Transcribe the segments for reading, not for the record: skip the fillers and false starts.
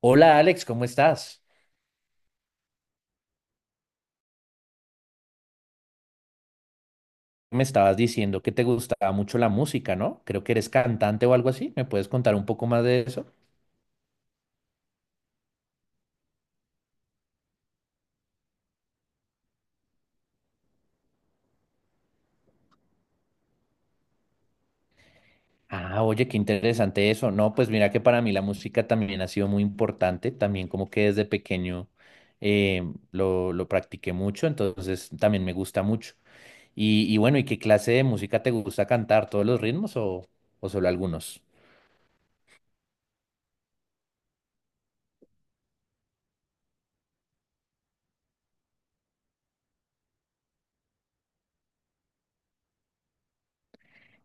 Hola Alex, ¿cómo estás? Me estabas diciendo que te gustaba mucho la música, ¿no? Creo que eres cantante o algo así. ¿Me puedes contar un poco más de eso? Ah, oye, qué interesante eso. No, pues mira que para mí la música también ha sido muy importante. También como que desde pequeño eh, lo practiqué mucho, entonces también me gusta mucho. Y bueno, ¿y qué clase de música te gusta cantar? ¿Todos los ritmos o solo algunos?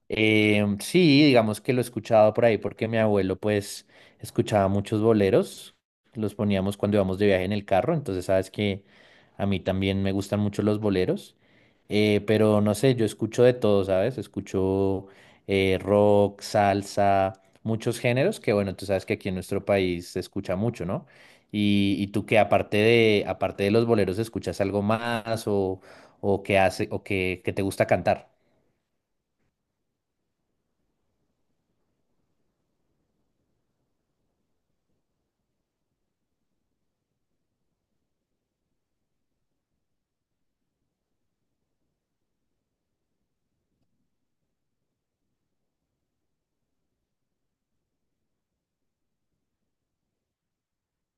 Sí, digamos que lo he escuchado por ahí porque mi abuelo pues escuchaba muchos boleros, los poníamos cuando íbamos de viaje en el carro, entonces sabes que a mí también me gustan mucho los boleros, pero no sé, yo escucho de todo, ¿sabes? Escucho rock, salsa, muchos géneros que bueno, tú sabes que aquí en nuestro país se escucha mucho, ¿no? Y tú que aparte de los boleros, ¿escuchas algo más o qué hace o qué te gusta cantar?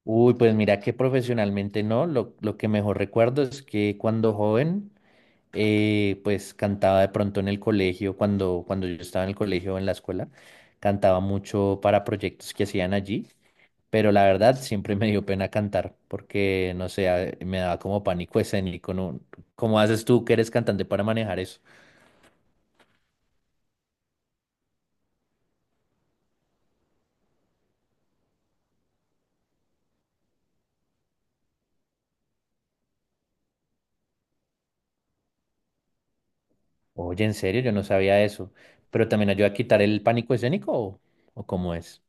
Uy, pues mira que profesionalmente no, lo que mejor recuerdo es que cuando joven, pues cantaba de pronto en el colegio, cuando yo estaba en el colegio o en la escuela, cantaba mucho para proyectos que hacían allí, pero la verdad siempre me dio pena cantar porque, no sé, me daba como pánico escénico, ¿no? ¿Cómo haces tú que eres cantante para manejar eso? Oye, en serio, yo no sabía eso, pero también ayuda a quitar el pánico escénico o cómo es.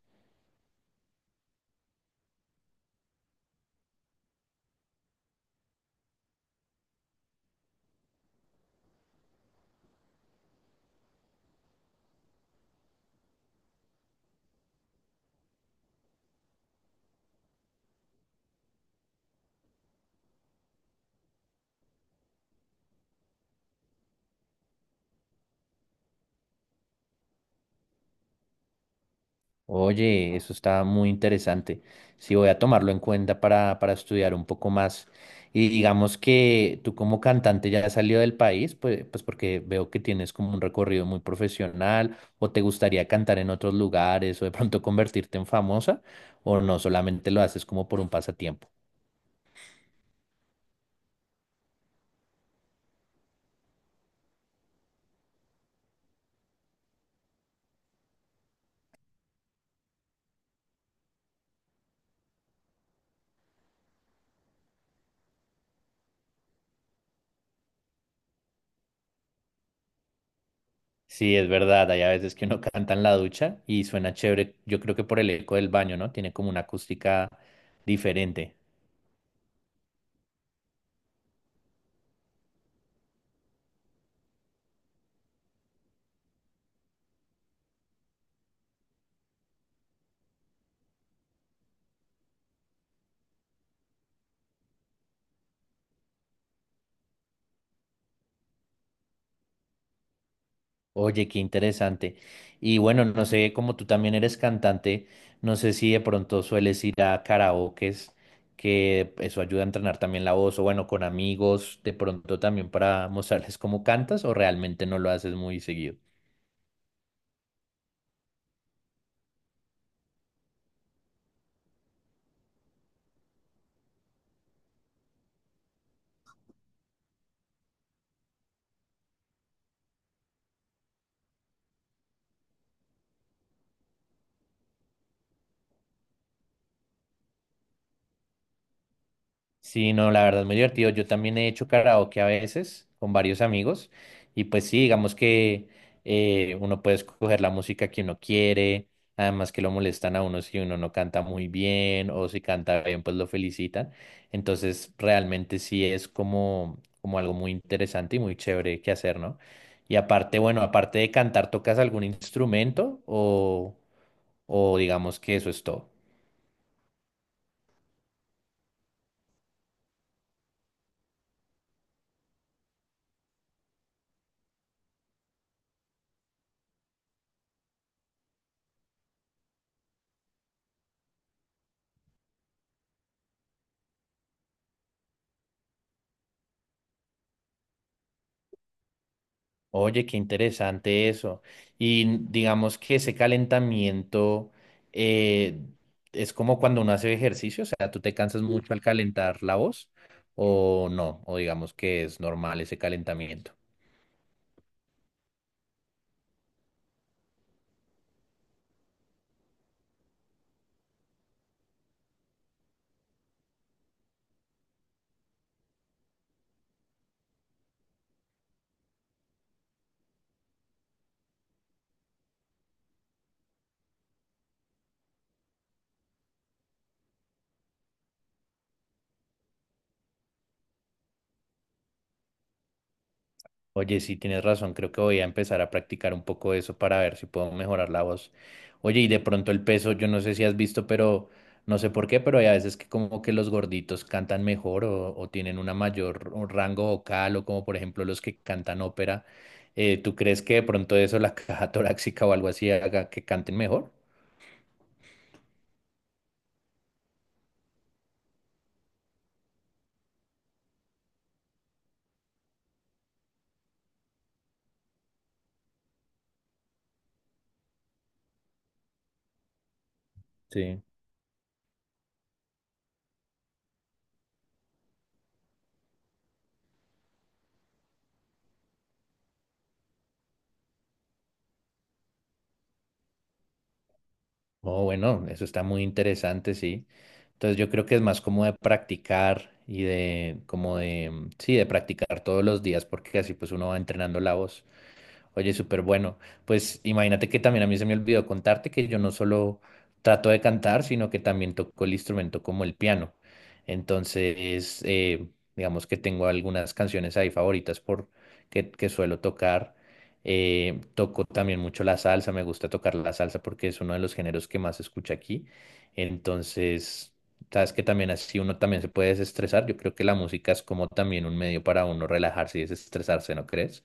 Oye, eso está muy interesante. Sí, voy a tomarlo en cuenta para estudiar un poco más. Y digamos que tú como cantante ya has salido del país, pues porque veo que tienes como un recorrido muy profesional, o te gustaría cantar en otros lugares, o de pronto convertirte en famosa, o no, solamente lo haces como por un pasatiempo. Sí, es verdad, hay a veces que uno canta en la ducha y suena chévere, yo creo que por el eco del baño, ¿no? Tiene como una acústica diferente. Oye, qué interesante. Y bueno, no sé, como tú también eres cantante, no sé si de pronto sueles ir a karaokes, que eso ayuda a entrenar también la voz, o bueno, con amigos, de pronto también para mostrarles cómo cantas, o realmente no lo haces muy seguido. Sí, no, la verdad es muy divertido. Yo también he hecho karaoke a veces con varios amigos y pues sí, digamos que uno puede escoger la música que uno quiere, además que lo molestan a uno si uno no canta muy bien o si canta bien, pues lo felicitan. Entonces, realmente sí es como algo muy interesante y muy chévere que hacer, ¿no? Y aparte, bueno, aparte de cantar, ¿tocas algún instrumento o digamos que eso es todo? Oye, qué interesante eso. Y digamos que ese calentamiento eh, es como cuando uno hace ejercicio, o sea, ¿tú te cansas mucho al calentar la voz o no? O digamos que es normal ese calentamiento. Oye, sí, tienes razón, creo que voy a empezar a practicar un poco eso para ver si puedo mejorar la voz. Oye, y de pronto el peso, yo no sé si has visto, pero no sé por qué, pero hay a veces que como que los gorditos cantan mejor o tienen una mayor un rango vocal o como por ejemplo los que cantan ópera. ¿Tú crees que de pronto eso, la caja torácica o algo así, haga que canten mejor? Sí. Oh, bueno, eso está muy interesante, sí. Entonces yo creo que es más como de practicar y como de, mm, sí, de practicar todos los días porque así pues uno va entrenando la voz. Oye, súper bueno. Pues imagínate que también a mí se me olvidó contarte que yo no solo trato de cantar, sino que también toco el instrumento como el piano. Entonces, digamos que tengo algunas canciones ahí favoritas que suelo tocar. Toco también mucho la salsa, me gusta tocar la salsa porque es uno de los géneros que más se escucha aquí. Entonces, sabes que también así uno también se puede desestresar. Yo creo que la música es como también un medio para uno relajarse y desestresarse, ¿no crees?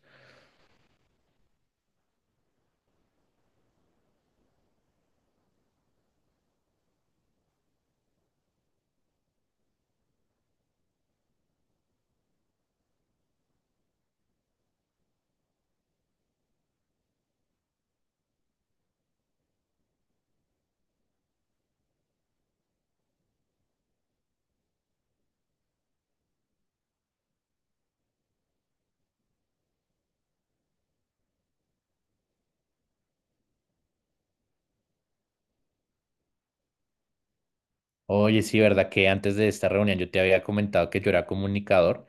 Oye, sí, verdad que antes de esta reunión yo te había comentado que yo era comunicador,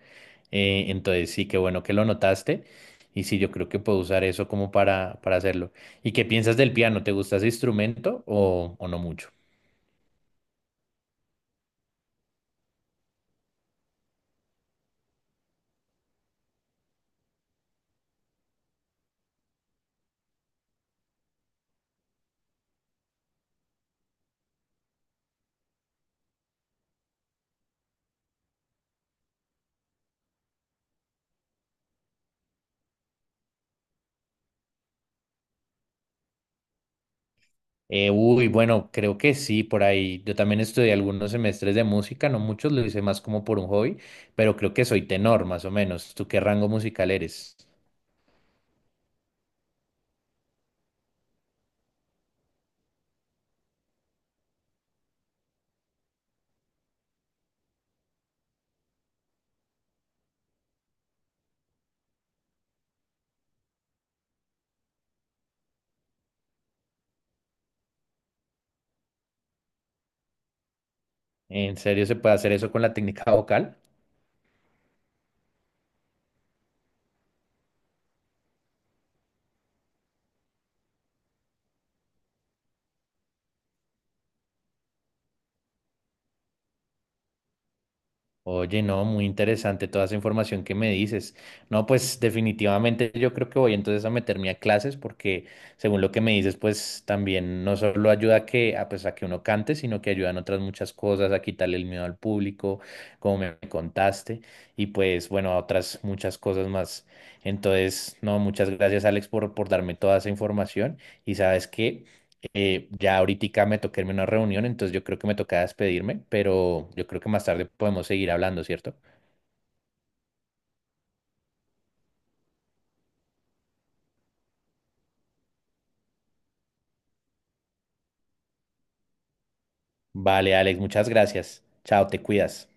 entonces sí, qué bueno que lo notaste y sí, yo creo que puedo usar eso como para hacerlo. ¿Y qué piensas del piano? ¿Te gusta ese instrumento o no mucho? Uy, bueno, creo que sí, por ahí. Yo también estudié algunos semestres de música, no muchos, lo hice más como por un hobby, pero creo que soy tenor, más o menos. ¿Tú qué rango musical eres? ¿En serio se puede hacer eso con la técnica vocal? Oye, no, muy interesante toda esa información que me dices. No, pues definitivamente yo creo que voy entonces a meterme a clases porque según lo que me dices, pues también no solo ayuda a que, a, pues, a que uno cante, sino que ayudan otras muchas cosas, a quitarle el miedo al público, como me contaste, y pues bueno, a otras muchas cosas más. Entonces, no, muchas gracias Alex por darme toda esa información y sabes qué, ya ahorita me toca irme a una reunión, entonces yo creo que me toca despedirme, pero yo creo que más tarde podemos seguir hablando, ¿cierto? Vale, Alex, muchas gracias. Chao, te cuidas.